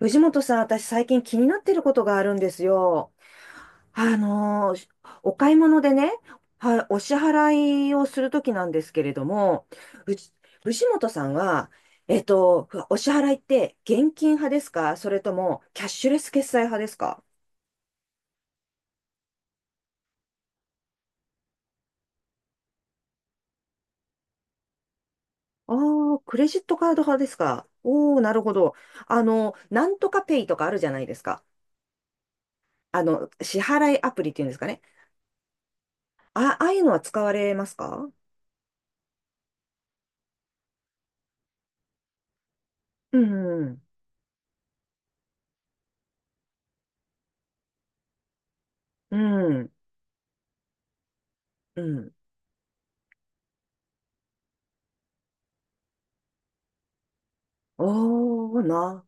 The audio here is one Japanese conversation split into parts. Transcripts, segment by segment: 藤本さん、私最近気になってることがあるんですよ。あのー、お買い物でね、お支払いをするときなんですけれども、うち藤本さんは、お支払いって現金派ですか、それともキャッシュレス決済派ですか？ああー、クレジットカード派ですか。おー、なるほど。あの、なんとかペイとかあるじゃないですか。あの、支払いアプリっていうんですかね。あ、ああいうのは使われますか？うん、うん、うん。おーな。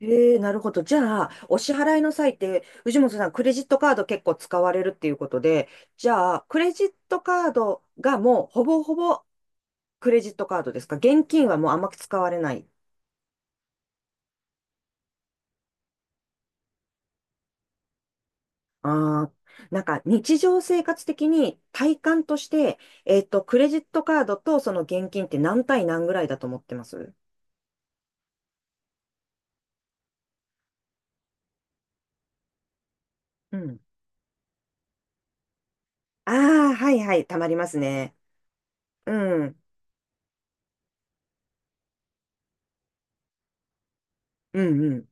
えー、なるほど。じゃあ、お支払いの際って、藤本さん、クレジットカード結構使われるっていうことで、じゃあ、クレジットカードがもうほぼほぼクレジットカードですか？現金はもうあんまり使われない。ああ、なんか日常生活的に体感として、えっと、クレジットカードとその現金って何対何ぐらいだと思ってます？うん。ああ、はいはい、たまりますね。うん、うん、うん。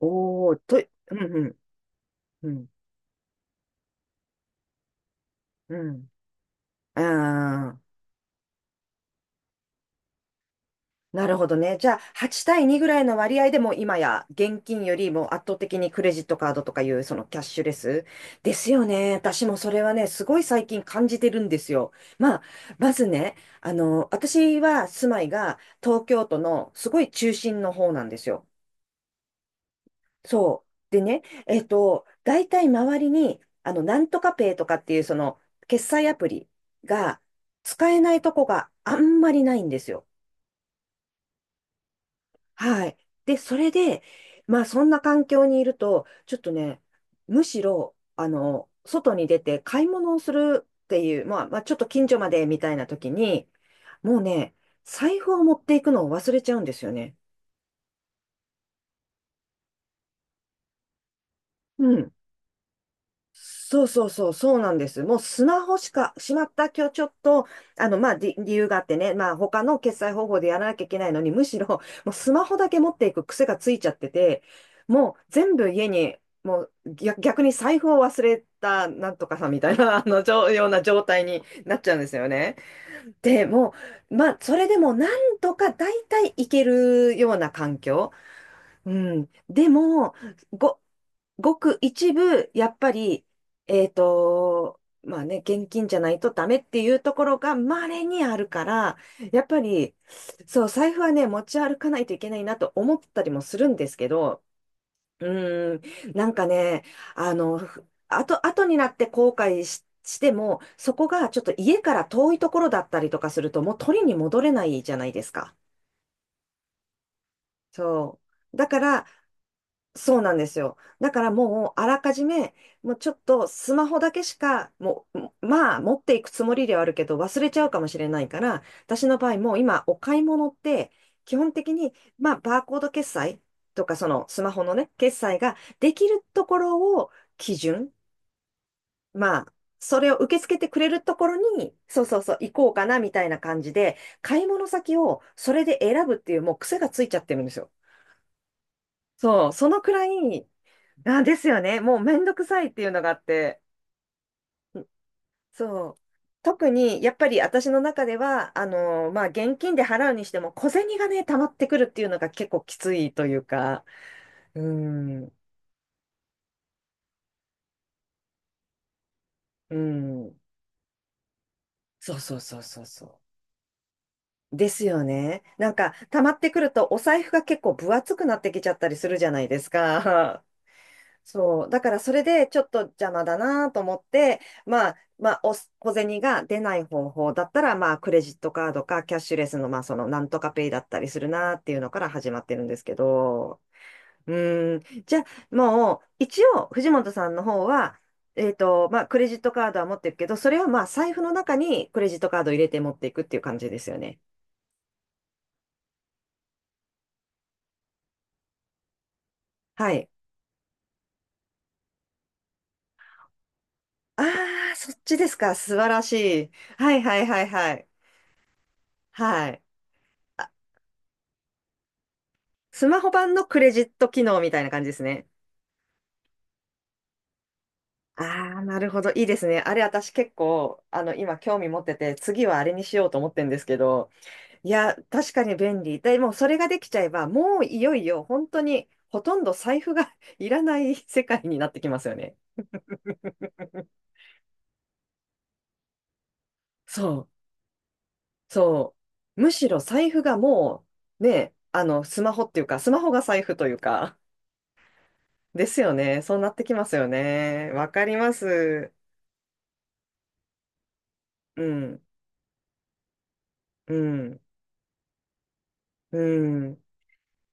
おー、と、うん、うん、うん、うん。うーん。なるほどね。じゃあ、8対2ぐらいの割合でも、今や現金よりも圧倒的にクレジットカードとかいう、そのキャッシュレスですよね。私もそれはね、すごい最近感じてるんですよ。まあ、まずね、あの、私は住まいが東京都のすごい中心の方なんですよ。そう。でね、えっと、大体周りに、あの、なんとかペイとかっていうその決済アプリが使えないとこがあんまりないんですよ。はい。で、それで、まあ、そんな環境にいると、ちょっとね、むしろ、あの、外に出て買い物をするっていう、まあ、まあ、ちょっと近所までみたいな時に、もうね、財布を持っていくのを忘れちゃうんですよね。うん。そうそうそう、そうなんです。もうスマホしか、しまった、今日ちょっと、あの、まあ、理由があってね、まあ、他の決済方法でやらなきゃいけないのに、むしろ、もうスマホだけ持っていく癖がついちゃってて、もう全部家に、もう逆、逆に財布を忘れた、なんとかさんみたいな、あの、じょような状態になっちゃうんですよね。で、もう、まあ、それでもなんとか大体いけるような環境。うん。でも、ご、ごく一部、やっぱり、えっと、まあね、現金じゃないとダメっていうところが稀にあるから、やっぱり、そう、財布はね、持ち歩かないといけないなと思ったりもするんですけど、うーん、なんかね、あの、後、後になって後悔し、しても、そこがちょっと家から遠いところだったりとかすると、もう取りに戻れないじゃないですか。そう。だから、そうなんですよ。だからもう、あらかじめ、もうちょっとスマホだけしか、もう、まあ、持っていくつもりではあるけど、忘れちゃうかもしれないから、私の場合、もう今、お買い物って、基本的に、まあ、バーコード決済とか、そのスマホのね、決済ができるところを基準、まあ、それを受け付けてくれるところに、そうそうそう、行こうかな、みたいな感じで、買い物先をそれで選ぶっていう、もう癖がついちゃってるんですよ。そう、そのくらい、あ、ですよね。もうめんどくさいっていうのがあって。そう。特に、やっぱり私の中では、あの、まあ、現金で払うにしても、小銭がね、溜まってくるっていうのが結構きついというか、うん、うん。そうそうそうそうそう。ですよね。なんか、溜まってくると、お財布が結構分厚くなってきちゃったりするじゃないですか。そう。だからそれでちょっと邪魔だなと思って、まあ、まあ、お小銭が出ない方法だったら、まあ、クレジットカードかキャッシュレスの、まあ、そのなんとかペイだったりするなっていうのから始まってるんですけど、うーん。じゃあ、もう、一応、藤本さんの方は、えっと、まあ、クレジットカードは持ってるけど、それをまあ、財布の中にクレジットカードを入れて持っていくっていう感じですよね。はい。ああ、そっちですか。素晴らしい。はいはいはいはい。はい。スマホ版のクレジット機能みたいな感じですね。ああ、なるほど。いいですね。あれ、私結構、あの、今興味持ってて、次はあれにしようと思ってるんですけど、いや、確かに便利。でも、それができちゃえば、もういよいよ、本当に、ほとんど財布が いらない世界になってきますよね。そう、そう。むしろ財布がもう、ね、あの、スマホっていうか、スマホが財布というか、ですよね。そうなってきますよね。わかります。うん、うん、うん。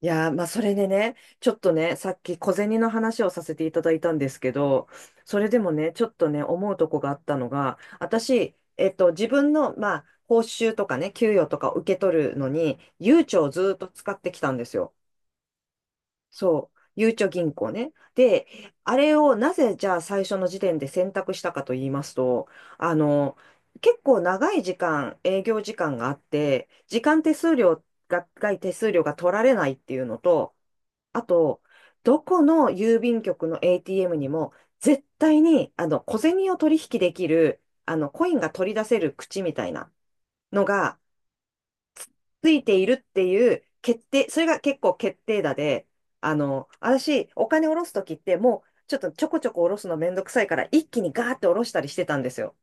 いやー、まあ、それでね、ちょっとね、さっき小銭の話をさせていただいたんですけど、それでもね、ちょっとね、思うとこがあったのが、私、えっと、自分の、まあ、報酬とかね、給与とかを受け取るのに、ゆうちょをずーっと使ってきたんですよ。そう。ゆうちょ銀行ね。で、あれをなぜ、じゃあ最初の時点で選択したかと言いますと、あの、結構長い時間、営業時間があって、時間手数料が、外手数料が取られないっていうのと、あと、どこの郵便局の ATM にも、絶対に、あの、小銭を取引できる、あの、コインが取り出せる口みたいなのが、ついているっていう決定、それが結構決定打で、あの、私、お金下ろすときって、もう、ちょっとちょこちょこ下ろすのめんどくさいから、一気にガーって下ろしたりしてたんですよ。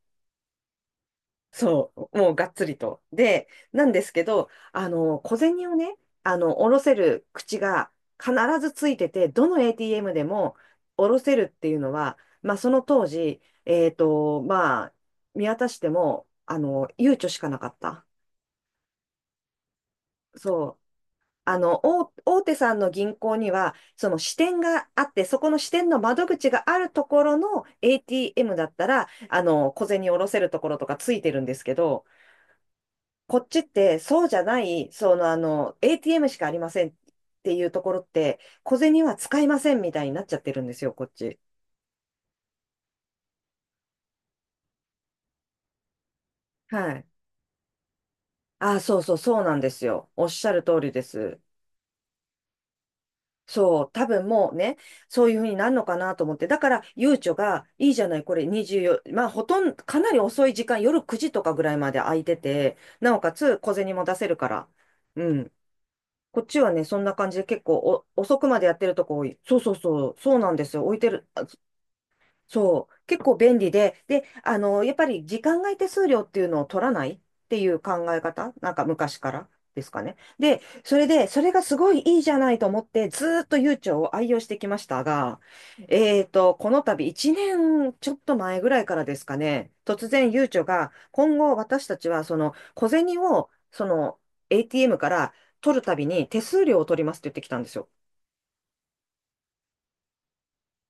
そう、もうがっつりと。で、なんですけど、あの、小銭をね、あの、下ろせる口が必ずついてて、どの ATM でも下ろせるっていうのは、まあ、その当時、えっと、まあ、見渡しても、あの、悠長しかなかった。そう。あの、大、大手さんの銀行には、その支店があって、そこの支店の窓口があるところの ATM だったら、あの、小銭下ろせるところとかついてるんですけど、こっちってそうじゃない、そのあの、ATM しかありませんっていうところって、小銭は使いませんみたいになっちゃってるんですよ、こっち。はい。ああ、そうそう、そうなんですよ。おっしゃる通りです。そう、多分もうね、そういうふうになるのかなと思って。だから、ゆうちょが、いいじゃない、これ24、まあ、ほとんど、かなり遅い時間、夜9時とかぐらいまで空いてて、なおかつ小銭も出せるから。うん。こっちはね、そんな感じで結構お遅くまでやってるとこ多い。そうそうそう、そうなんですよ。置いてる、そう、結構便利で、で、やっぱり時間外手数料っていうのを取らないっていう考え方、昔からですかね。で、それで、それがすごいいいじゃないと思って、ずーっと悠長を愛用してきましたが、この度1年ちょっと前ぐらいからですかね、突然悠長が、今後私たちはその小銭を、ATM から取るたびに手数料を取りますって言ってきたんですよ。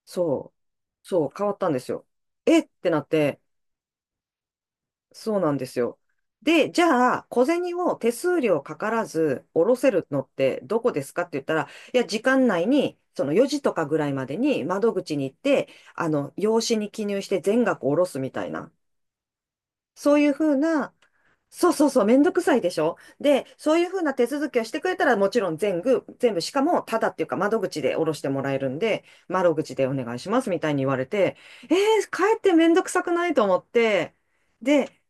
そう。そう、変わったんですよ。えってなって、そうなんですよ。で、じゃあ、小銭を手数料かからず下ろせるのってどこですかって言ったら、いや、時間内に、その4時とかぐらいまでに窓口に行って、用紙に記入して全額下ろすみたいな、そういうふうな、そうそうそう、めんどくさいでしょ。で、そういうふうな手続きをしてくれたら、もちろん全部、全部、しかも、ただっていうか、窓口で下ろしてもらえるんで、窓口でお願いしますみたいに言われて、えかえってめんどくさくないと思って、で、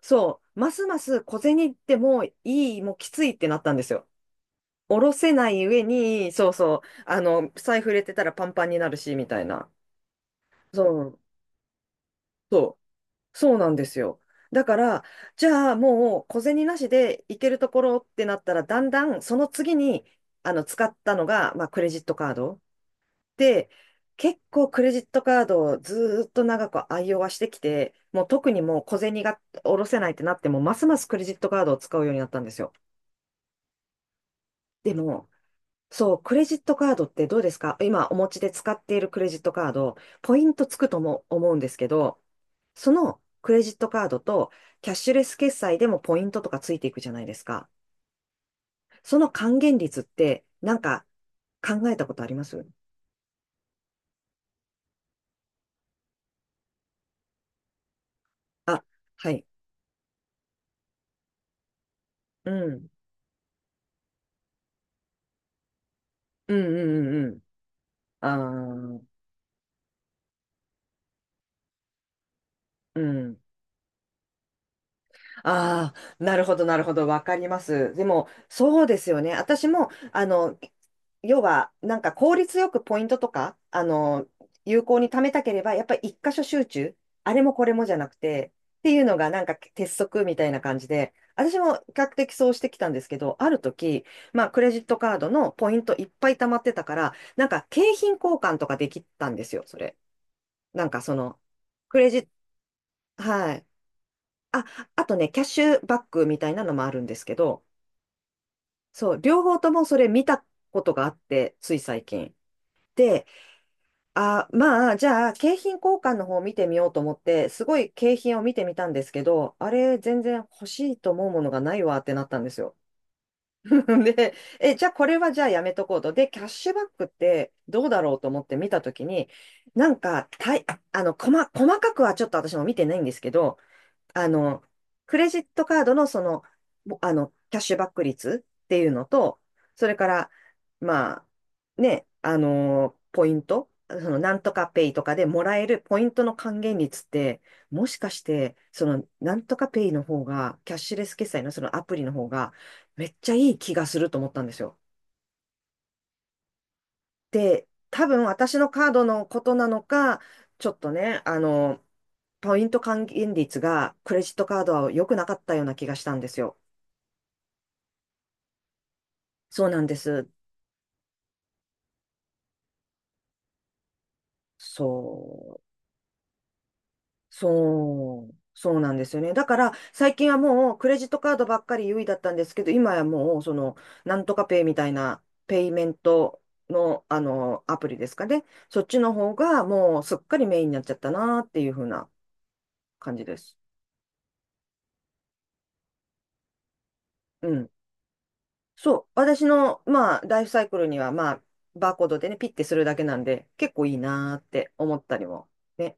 そう、ますます小銭ってもういい、もうきついってなったんですよ。下ろせない上に、そうそう、財布入れてたらパンパンになるし、みたいな。そう、そうそうなんですよ。だから、じゃあもう小銭なしで行けるところってなったら、だんだんその次に使ったのが、まあ、クレジットカード。で、結構クレジットカードをずーっと長く愛用はしてきて、もう特にもう小銭が下ろせないってなっても、ますますクレジットカードを使うようになったんですよ。でも、そう、クレジットカードってどうですか、今お持ちで使っているクレジットカード、ポイントつくとも思うんですけど、そのクレジットカードとキャッシュレス決済でもポイントとかついていくじゃないですか。その還元率ってなんか考えたことあります？あ、はい。うん。うんうんうんうん。ああ、うん。ああ、なるほど、なるほど、わかります。でも、そうですよね。私も、要は、効率よくポイントとか、有効に貯めたければ、やっぱり一箇所集中、あれもこれもじゃなくて、っていうのが、なんか鉄則みたいな感じで、私も比較的そうしてきたんですけど、ある時、まあ、クレジットカードのポイントいっぱい貯まってたから、なんか景品交換とかできたんですよ、それ。なんかその、クレジット、はい。あ、あとね、キャッシュバックみたいなのもあるんですけど、そう、両方ともそれ見たことがあって、つい最近。で、あ、まあ、じゃあ、景品交換の方を見てみようと思って、すごい景品を見てみたんですけど、あれ、全然欲しいと思うものがないわってなったんですよ。で、え、じゃあ、これはじゃあやめとこうと。で、キャッシュバックってどうだろうと思って見たときに、なんか、たい、細、細かくはちょっと私も見てないんですけど、あの、クレジットカードのその、ぼキャッシュバック率っていうのと、それから、まあ、ね、ポイント、その、なんとかペイとかでもらえるポイントの還元率って、もしかして、その、なんとかペイの方が、キャッシュレス決済のそのアプリの方が、めっちゃいい気がすると思ったんですよ。で、多分私のカードのことなのか、ちょっとね、ポイント還元率がクレジットカードは良くなかったような気がしたんですよ。そうなんです。そう。そう。そうなんですよね。だから、最近はもうクレジットカードばっかり優位だったんですけど、今はもう、その、なんとかペイみたいな、ペイメントの、アプリですかね。そっちの方が、もう、すっかりメインになっちゃったなっていう風な感じです。うん。そう、私の、まあ、ライフサイクルには、まあ、バーコードでね、ピッてするだけなんで、結構いいなーって思ったりも、ね、